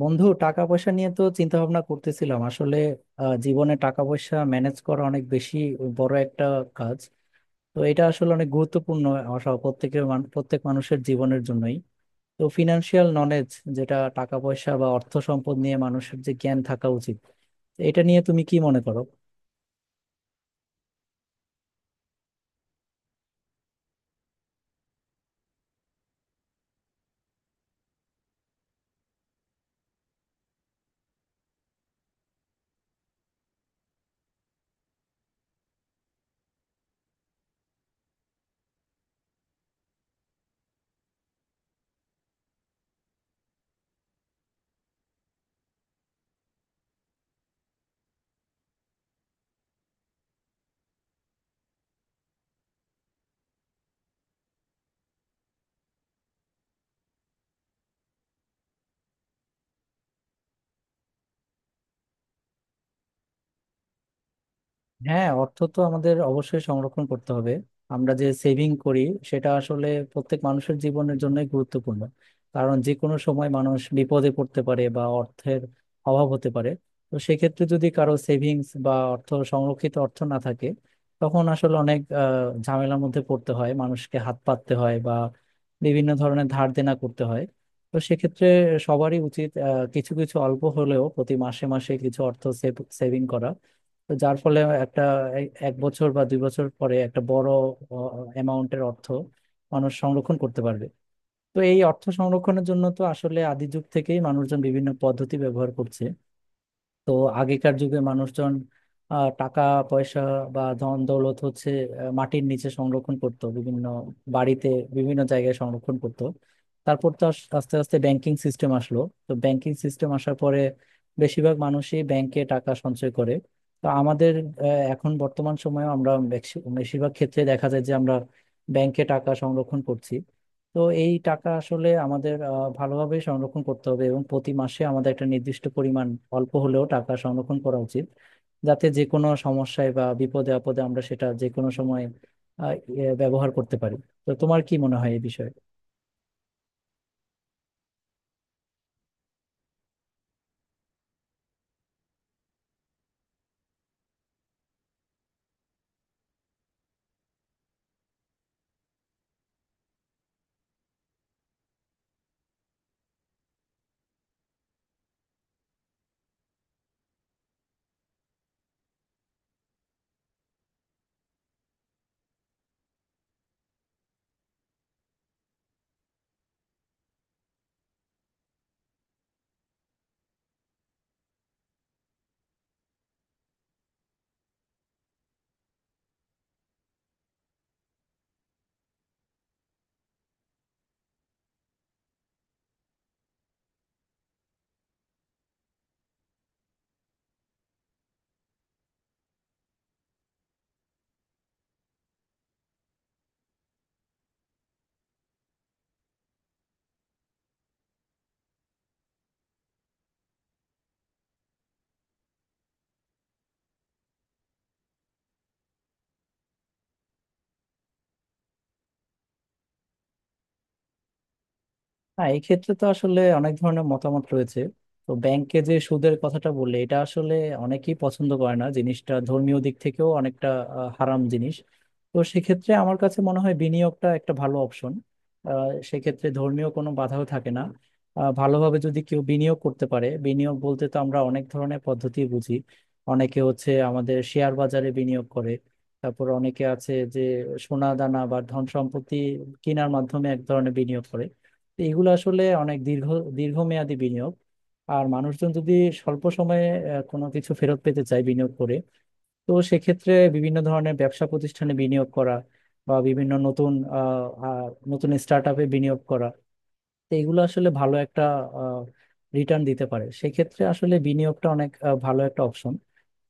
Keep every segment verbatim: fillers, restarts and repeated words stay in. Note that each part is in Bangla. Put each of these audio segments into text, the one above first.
বন্ধু, টাকা পয়সা নিয়ে তো চিন্তা ভাবনা করতেছিলাম আসলে। আহ, জীবনে টাকা পয়সা ম্যানেজ করা অনেক বেশি বড় একটা কাজ। তো এটা আসলে অনেক গুরুত্বপূর্ণ আসা প্রত্যেকের মান- প্রত্যেক মানুষের জীবনের জন্যই। তো ফিনান্সিয়াল নলেজ, যেটা টাকা পয়সা বা অর্থ সম্পদ নিয়ে মানুষের যে জ্ঞান থাকা উচিত, এটা নিয়ে তুমি কি মনে করো? হ্যাঁ, অর্থ তো আমাদের অবশ্যই সংরক্ষণ করতে হবে। আমরা যে সেভিং করি সেটা আসলে প্রত্যেক মানুষের জীবনের জন্যই গুরুত্বপূর্ণ। কারণ যে কোনো সময় মানুষ বিপদে পড়তে পারে বা অর্থের অভাব হতে পারে। তো সেক্ষেত্রে যদি কারো সেভিংস বা অর্থ সংরক্ষিত অর্থ না থাকে, তখন আসলে অনেক আহ, ঝামেলার মধ্যে পড়তে হয়, মানুষকে হাত পাততে হয় বা বিভিন্ন ধরনের ধার দেনা করতে হয়। তো সেক্ষেত্রে সবারই উচিত আহ, কিছু কিছু অল্প হলেও প্রতি মাসে মাসে কিছু অর্থ সেভিং করা। তো যার ফলে একটা এ- এক বছর বা দুই বছর পরে একটা বড় অ্যামাউন্টের অর্থ মানুষ সংরক্ষণ করতে পারবে। তো এই অর্থ সংরক্ষণের জন্য তো আসলে আদি যুগ থেকেই মানুষজন বিভিন্ন পদ্ধতি ব্যবহার করছে। তো আগেকার যুগে মানুষজন আহ, টাকা পয়সা বা ধন দৌলত হচ্ছে আহ, মাটির নিচে সংরক্ষণ করত, বিভিন্ন বাড়িতে বিভিন্ন জায়গায় সংরক্ষণ করত। তারপর তো আস- আস্তে আস্তে ব্যাংকিং সিস্টেম আসলো। তো ব্যাংকিং সিস্টেম আসার পরে বেশিরভাগ মানুষই ব্যাংকে টাকা সঞ্চয় করে। তো আমাদের আহ, এখন বর্তমান সময়ে আমরা বেশি- বেশিরভাগ ক্ষেত্রে দেখা যায় যে আমরা ব্যাংকে টাকা সংরক্ষণ করছি। তো এই টাকা আসলে আমাদের আহ, ভালোভাবে সংরক্ষণ করতে হবে এবং প্রতি মাসে আমাদের একটা নির্দিষ্ট পরিমাণ অল্প হলেও টাকা সংরক্ষণ করা উচিত, যাতে যে কোনো সমস্যায় বা বিপদে আপদে আমরা সেটা যে কোনো সময় আহ, ইয়ে, ব্যবহার করতে পারি। তো তোমার কি মনে হয় এই বিষয়ে? হ্যাঁ, এই ক্ষেত্রে তো আসলে অনেক ধরনের মতামত রয়েছে। তো ব্যাংকে যে সুদের কথাটা বললে এটা আসলে অনেকেই পছন্দ করে না, জিনিসটা ধর্মীয় দিক থেকেও অনেকটা আহ, হারাম জিনিস। তো সেক্ষেত্রে আমার কাছে মনে হয় বিনিয়োগটা একটা ভালো অপশন, সেক্ষেত্রে ধর্মীয় কোনো বাধাও থাকে না। আহ, ভালোভাবে যদি কেউ বিনিয়োগ করতে পারে, বিনিয়োগ বলতে তো আমরা অনেক ধরনের পদ্ধতি বুঝি। অনেকে হচ্ছে আমাদের শেয়ার বাজারে বিনিয়োগ করে, তারপর অনেকে আছে যে সোনা দানা বা ধন সম্পত্তি কেনার মাধ্যমে এক ধরনের বিনিয়োগ করে। তো এগুলো আসলে অনেক দীর্ঘ দীর্ঘমেয়াদী বিনিয়োগ। আর মানুষজন যদি স্বল্প সময়ে আহ, কোনো কিছু ফেরত পেতে চায় বিনিয়োগ করে, তো সেক্ষেত্রে বিভিন্ন ধরনের ব্যবসা প্রতিষ্ঠানে বিনিয়োগ করা বা বিভিন্ন নতুন আহ, আহ, নতুন স্টার্ট আপে বিনিয়োগ করা, তো এগুলো আসলে ভালো একটা রিটার্ন দিতে পারে। সেক্ষেত্রে আসলে বিনিয়োগটা অনেক আহ, ভালো একটা অপশন।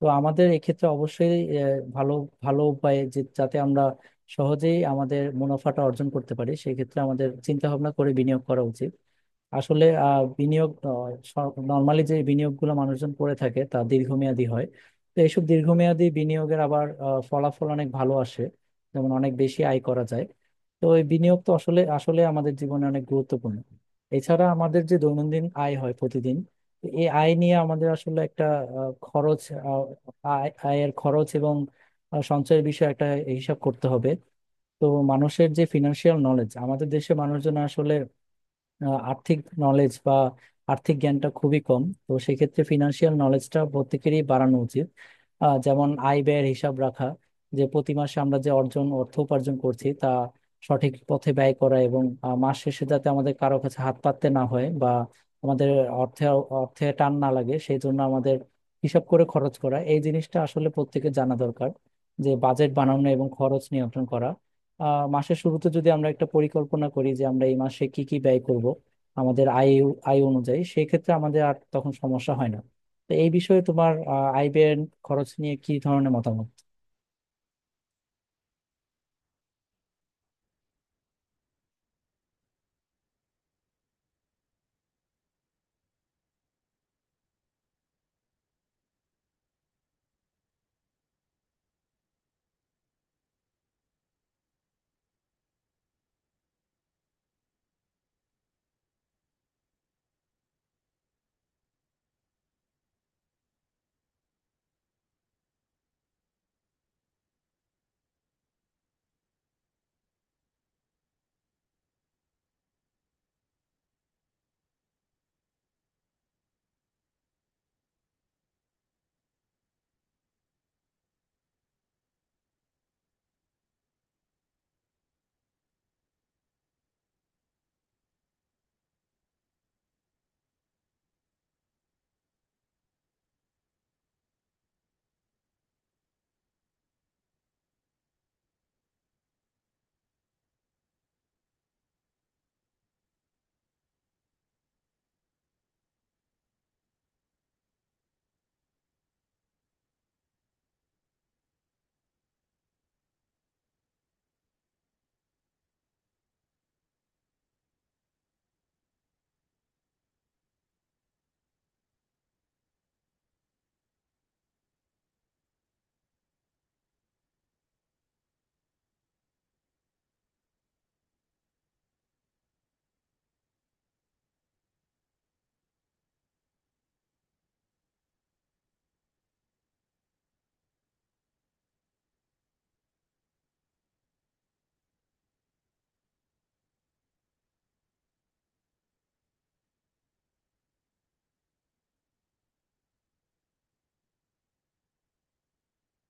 তো আমাদের এক্ষেত্রে অবশ্যই আহ, ভালো ভালো উপায়ে যে যাতে আমরা সহজেই আমাদের মুনাফাটা অর্জন করতে পারি, সেক্ষেত্রে আমাদের চিন্তা ভাবনা করে বিনিয়োগ করা উচিত। আসলে আহ, বিনিয়োগ নর্মালি যে বিনিয়োগগুলো মানুষজন করে থাকে তা দীর্ঘমেয়াদী হয়। তো এইসব দীর্ঘমেয়াদী বিনিয়োগের আবার আহ, ফলাফল অনেক ভালো আসে, যেমন অনেক বেশি আয় করা যায়। তো এই বিনিয়োগ তো আসলে আসলে আমাদের জীবনে অনেক গুরুত্বপূর্ণ। এছাড়া আমাদের যে দৈনন্দিন আয় হয় প্রতিদিন, তো এই আয় নিয়ে আমাদের আসলে একটা আহ, খরচ আহ, আয় আয়ের খরচ এবং আহ, সঞ্চয়ের বিষয়ে একটা হিসাব করতে হবে। তো মানুষের যে ফিনান্সিয়াল নলেজ, আমাদের দেশে মানুষজন আহ, আর্থিক নলেজ বা আর্থিক জ্ঞানটা খুবই কম। তো সেক্ষেত্রে ফিনান্সিয়াল নলেজটা প্রত্যেকেরই বাড়ানো উচিত। আহ, যেমন আয় ব্যয়ের হিসাব রাখা, যে প্রতি মাসে আমরা যে অর্জন অর্থ উপার্জন করছি তা সঠিক পথে ব্যয় করা, এবং আহ, মাস শেষে যাতে আমাদের কারো কাছে হাত পাততে না হয় বা আমাদের অর্থে অর্থে টান না লাগে, সেই জন্য আমাদের হিসাব করে খরচ করা, এই জিনিসটা আসলে প্রত্যেকের জানা দরকার, যে বাজেট বানানো এবং খরচ নিয়ন্ত্রণ করা। আহ মাসের শুরুতে যদি আমরা একটা পরিকল্পনা করি যে আমরা এই মাসে কি কি ব্যয় করব আমাদের আয় আয় অনুযায়ী, সেই ক্ষেত্রে আমাদের আর তখন সমস্যা হয় না। তো এই বিষয়ে তোমার আহ, আয় ব্যয় খরচ নিয়ে কি ধরনের মতামত?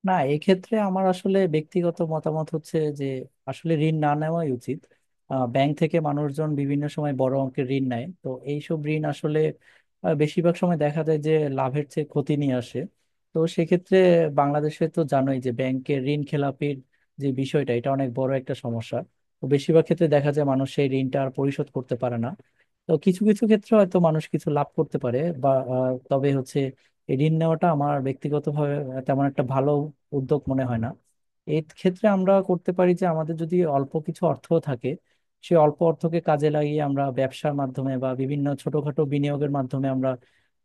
না, এক্ষেত্রে আমার আসলে ব্যক্তিগত মতামত হচ্ছে যে আসলে ঋণ না নেওয়াই উচিত। আহ, ব্যাংক থেকে মানুষজন বিভিন্ন সময় বড় অঙ্কের ঋণ নেয়, তো এইসব ঋণ আসলে আহ, বেশিরভাগ সময় দেখা যায় যে লাভের চেয়ে ক্ষতি নিয়ে আসে। তো সেক্ষেত্রে বাংলাদেশে তো জানোই যে ব্যাংকের ঋণ খেলাপির যে বিষয়টা, এটা অনেক বড় একটা সমস্যা। তো বেশিরভাগ ক্ষেত্রে দেখা যায় মানুষ সেই ঋণটা আর পরিশোধ করতে পারে না। তো কিছু কিছু ক্ষেত্রে হয়তো মানুষ কিছু লাভ করতে পারে, বা আহ, তবে হচ্ছে এই ঋণ নেওয়াটা আমার ব্যক্তিগতভাবে তেমন একটা ভালো উদ্যোগ মনে হয় না। এই ক্ষেত্রে আমরা করতে পারি যে আমাদের যদি অল্প কিছু অর্থ থাকে, সেই অল্প অর্থকে কাজে লাগিয়ে আমরা ব্যবসার মাধ্যমে বা বিভিন্ন ছোটখাটো বিনিয়োগের মাধ্যমে আমরা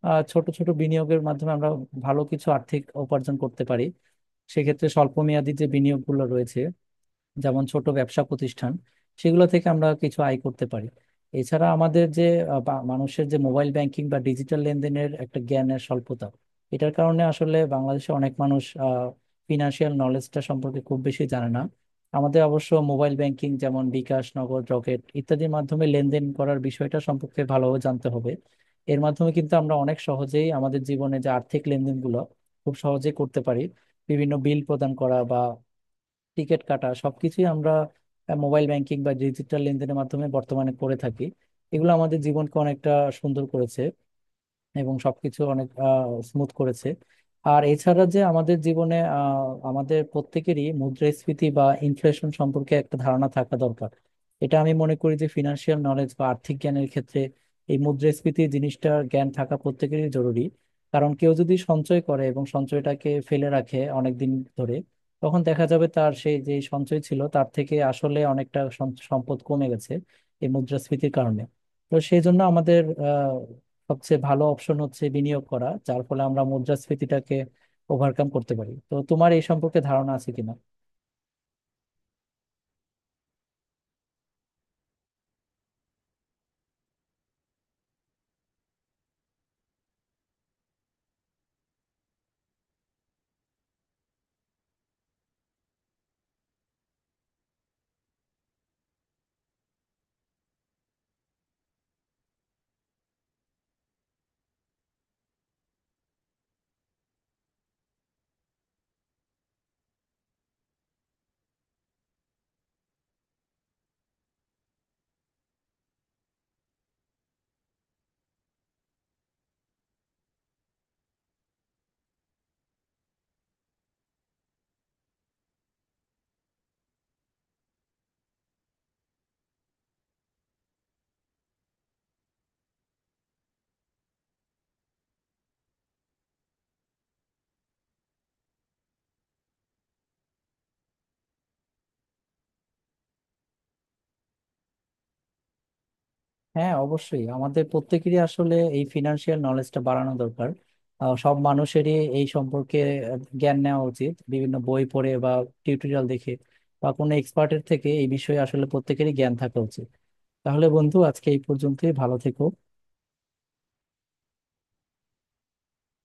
আহ, ছোট ছোট বিনিয়োগের মাধ্যমে আমরা ভালো কিছু আর্থিক উপার্জন করতে পারি। সেক্ষেত্রে স্বল্প মেয়াদী যে বিনিয়োগগুলো রয়েছে, যেমন ছোট ব্যবসা প্রতিষ্ঠান, সেগুলো থেকে আমরা কিছু আয় করতে পারি। এছাড়া আমাদের যে আহ, বা- মানুষের যে মোবাইল ব্যাংকিং বা ডিজিটাল লেনদেনের একটা জ্ঞানের স্বল্পতা, এটার কারণে আসলে বাংলাদেশে অনেক মানুষ ফিনান্সিয়াল নলেজটা সম্পর্কে খুব বেশি জানে না। আমাদের অবশ্য মোবাইল ব্যাংকিং যেমন বিকাশ, নগদ, রকেট ইত্যাদির মাধ্যমে লেনদেন করার বিষয়টা সম্পর্কে ভালোভাবে জানতে হবে। এর মাধ্যমে কিন্তু আমরা অনেক সহজেই আমাদের জীবনে যে আর্থিক লেনদেনগুলো খুব সহজেই করতে পারি। বিভিন্ন বিল প্রদান করা বা টিকিট কাটা সবকিছুই আমরা মোবাইল ব্যাংকিং বা ডিজিটাল লেনদেনের মাধ্যমে বর্তমানে করে থাকি। এগুলো আমাদের জীবনকে অনেকটা সুন্দর করেছে এবং সবকিছু অনেক স্মুথ করেছে। আর এছাড়া যে আমাদের জীবনে আহ, আমাদের প্রত্যেকেরই মুদ্রাস্ফীতি বা ইনফ্লেশন সম্পর্কে একটা ধারণা থাকা দরকার। এটা আমি মনে করি যে ফিনান্সিয়াল নলেজ বা আর্থিক জ্ঞানের ক্ষেত্রে এই মুদ্রাস্ফীতি জিনিসটার জ্ঞান থাকা প্রত্যেকেরই জরুরি। কারণ কেউ যদি সঞ্চয় করে এবং সঞ্চয়টাকে ফেলে রাখে অনেক দিন ধরে, তখন দেখা যাবে তার সেই যে সঞ্চয় ছিল তার থেকে আসলে অনেকটা সম- সম্পদ কমে গেছে এই মুদ্রাস্ফীতির কারণে। তো সেই জন্য আমাদের আহ সবচেয়ে ভালো অপশন হচ্ছে বিনিয়োগ করা, যার ফলে আমরা মুদ্রাস্ফীতিটাকে ওভারকাম করতে পারি। তো তোমার এই সম্পর্কে ধারণা আছে কিনা? হ্যাঁ, অবশ্যই আমাদের প্রত্যেকেরই আসলে এই ফিনান্সিয়াল নলেজটা বাড়ানো দরকার। আহ, সব মানুষেরই এই সম্পর্কে আহ, জ্ঞান নেওয়া উচিত, বিভিন্ন বই পড়ে বা টিউটোরিয়াল দেখে বা কোনো এক্সপার্টের থেকে। এই বিষয়ে আসলে প্রত্যেকেরই জ্ঞান থাকা উচিত। তাহলে বন্ধু, আজকে এই পর্যন্তই, ভালো থেকো।